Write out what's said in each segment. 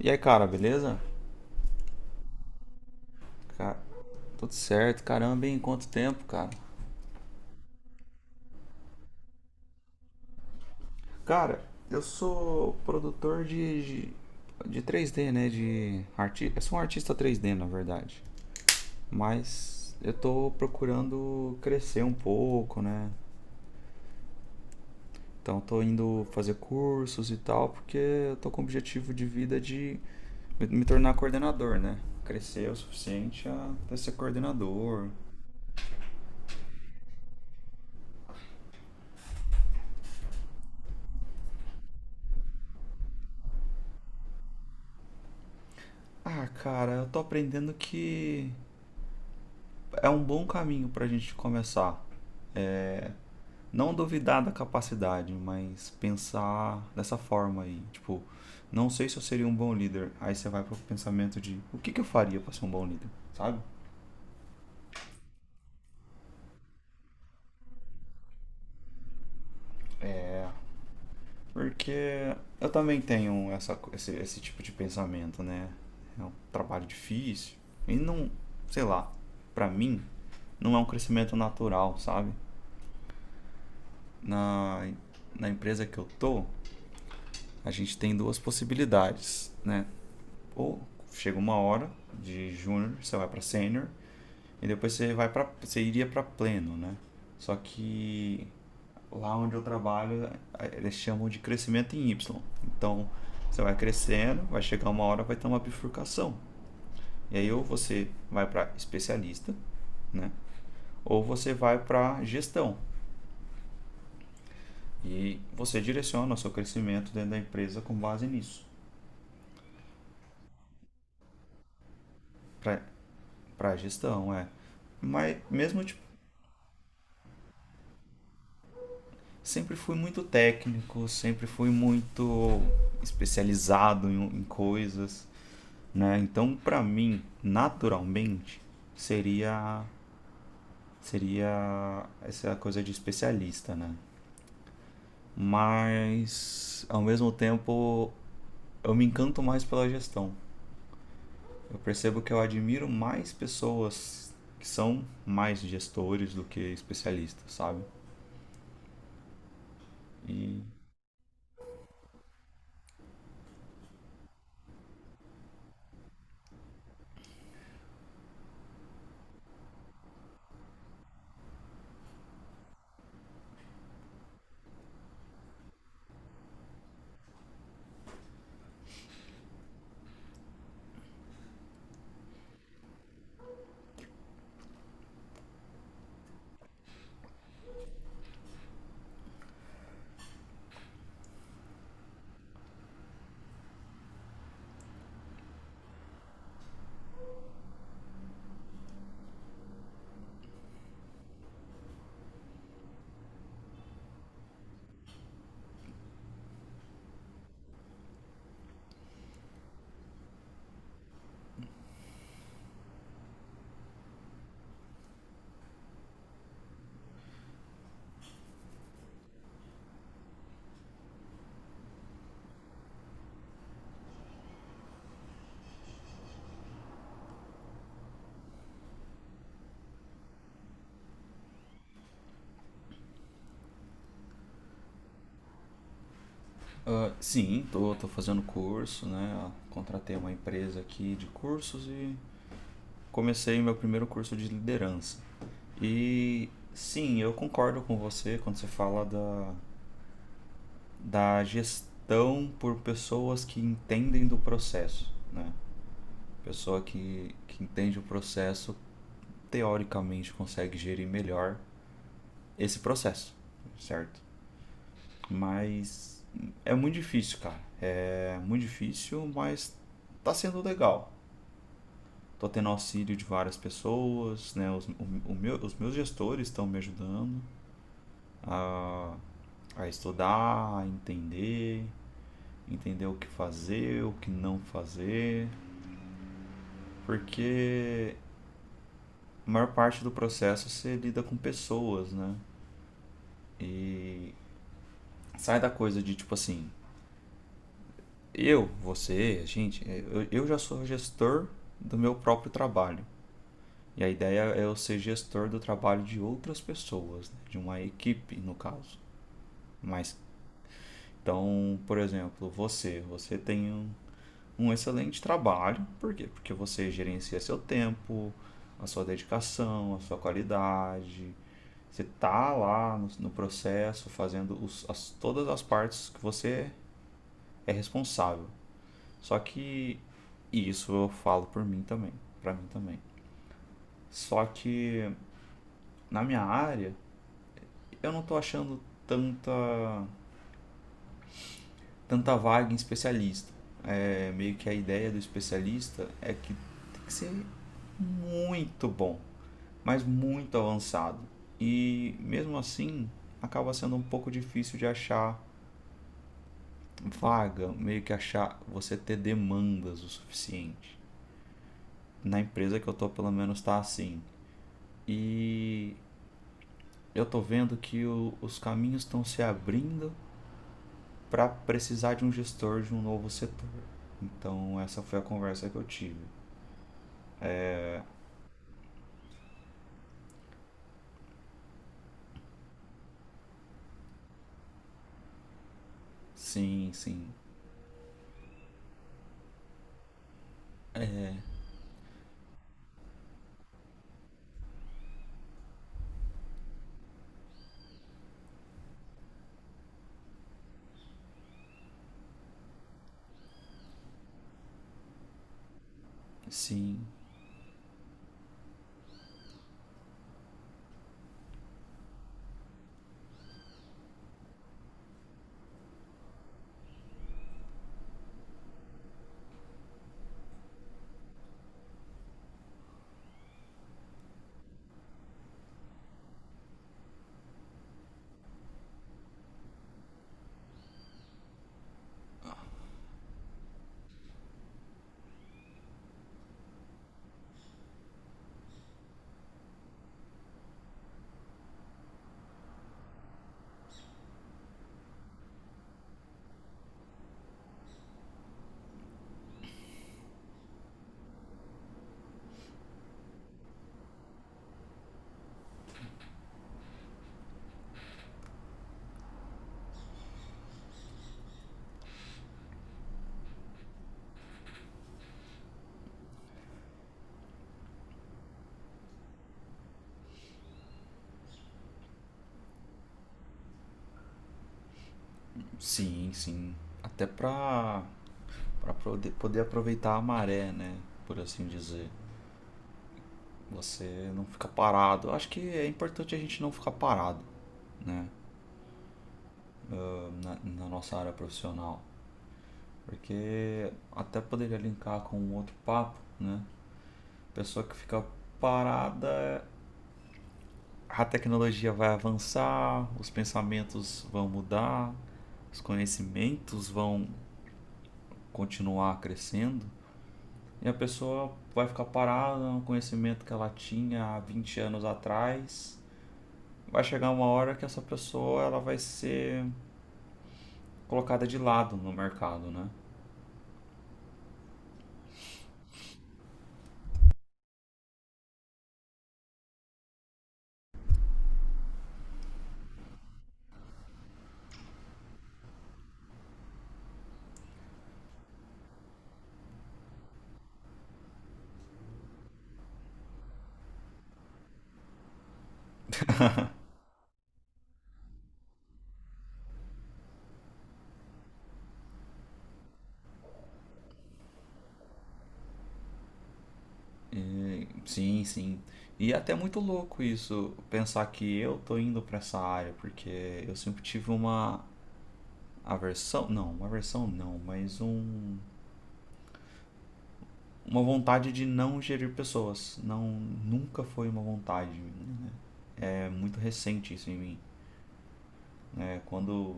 E aí, cara, beleza? Cara, tudo certo, caramba, em quanto tempo, cara? Cara, eu sou produtor de 3D, né? Eu sou um artista 3D, na verdade. Mas eu tô procurando crescer um pouco, né? Então tô indo fazer cursos e tal, porque eu tô com o objetivo de vida de me tornar coordenador, né? Crescer o suficiente a ser coordenador. Ah, cara, eu tô aprendendo que é um bom caminho para a gente começar. Não duvidar da capacidade, mas pensar dessa forma aí. Tipo, não sei se eu seria um bom líder. Aí você vai pro pensamento de o que, que eu faria para ser um bom líder, sabe? Porque eu também tenho esse tipo de pensamento, né? É um trabalho difícil. E não, sei lá, para mim, não é um crescimento natural, sabe? Na, na empresa que eu tô, a gente tem duas possibilidades, né? Ou chega uma hora de júnior, você vai para sênior e depois você iria para pleno, né? Só que lá onde eu trabalho, eles chamam de crescimento em Y. Então, você vai crescendo, vai chegar uma hora vai ter uma bifurcação. E aí ou você vai para especialista, né? Ou você vai para gestão. E você direciona o seu crescimento dentro da empresa com base nisso. Para gestão, é. Mas mesmo de Sempre fui muito técnico, sempre fui muito especializado em coisas, né? Então, para mim, naturalmente, seria seria essa coisa de especialista, né? Mas ao mesmo tempo, eu me encanto mais pela gestão. Eu percebo que eu admiro mais pessoas que são mais gestores do que especialistas, sabe? E Ah, sim, tô fazendo curso, né? Contratei uma empresa aqui de cursos e comecei meu primeiro curso de liderança. E sim, eu concordo com você quando você fala da gestão por pessoas que entendem do processo, né? Pessoa que entende o processo, teoricamente consegue gerir melhor esse processo, certo? Mas é muito difícil, cara. É muito difícil, mas tá sendo legal. Tô tendo auxílio de várias pessoas, né? Os meus gestores estão me ajudando a, a estudar, a entender, o que fazer, o que não fazer, porque a maior parte do processo você lida com pessoas, né? E sai da coisa de tipo assim, eu, você, a gente, é, eu já sou gestor do meu próprio trabalho. E a ideia é eu ser gestor do trabalho de outras pessoas, né? De uma equipe, no caso. Mas Então, por exemplo, você tem um excelente trabalho, por quê? Porque você gerencia seu tempo, a sua dedicação, a sua qualidade. Você está lá no processo fazendo todas as partes que você é responsável. Só que E isso eu falo por mim também, para mim também. Só que na minha área eu não estou achando tanta tanta vaga em especialista. É meio que a ideia do especialista é que tem que ser muito bom, mas muito avançado. E mesmo assim, acaba sendo um pouco difícil de achar vaga, meio que achar você ter demandas o suficiente. Na empresa que eu tô, pelo menos tá assim. E eu tô vendo que os caminhos estão se abrindo para precisar de um gestor de um novo setor. Então, essa foi a conversa que eu tive. Sim, sim, sim. Sim, sim. Até pra poder aproveitar a maré, né? Por assim dizer. Você não fica parado. Eu acho que é importante a gente não ficar parado, né? Na nossa área profissional. Porque até poderia linkar com um outro papo, né? Pessoa que fica parada, a tecnologia vai avançar, os pensamentos vão mudar, os conhecimentos vão continuar crescendo, e a pessoa vai ficar parada no conhecimento que ela tinha há 20 anos atrás. Vai chegar uma hora que essa pessoa ela vai ser colocada de lado no mercado, né? Sim, sim. E é até muito louco isso, pensar que eu tô indo pra essa área, porque eu sempre tive uma aversão não, mas uma vontade de não gerir pessoas. Não, nunca foi uma vontade, né? É muito recente isso em mim. É, quando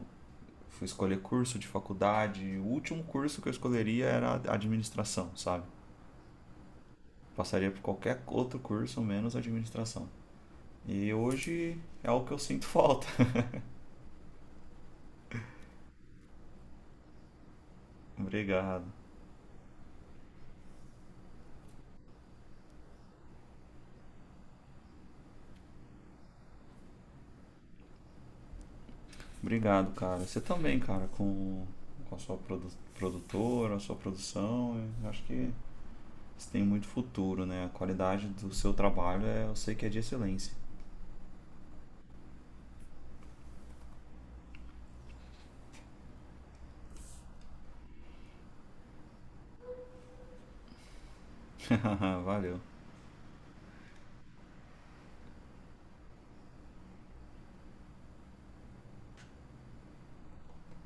fui escolher curso de faculdade. O último curso que eu escolheria era administração, sabe? Passaria por qualquer outro curso menos administração. E hoje é o que eu sinto falta. Obrigado. Obrigado, cara. Você também, cara, com a sua produtora, a sua produção. Eu acho que você tem muito futuro, né? A qualidade do seu trabalho é, eu sei que é de excelência. Valeu.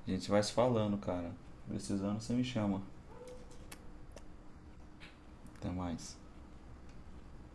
A gente vai se falando, cara. Precisando, você me chama. Até mais.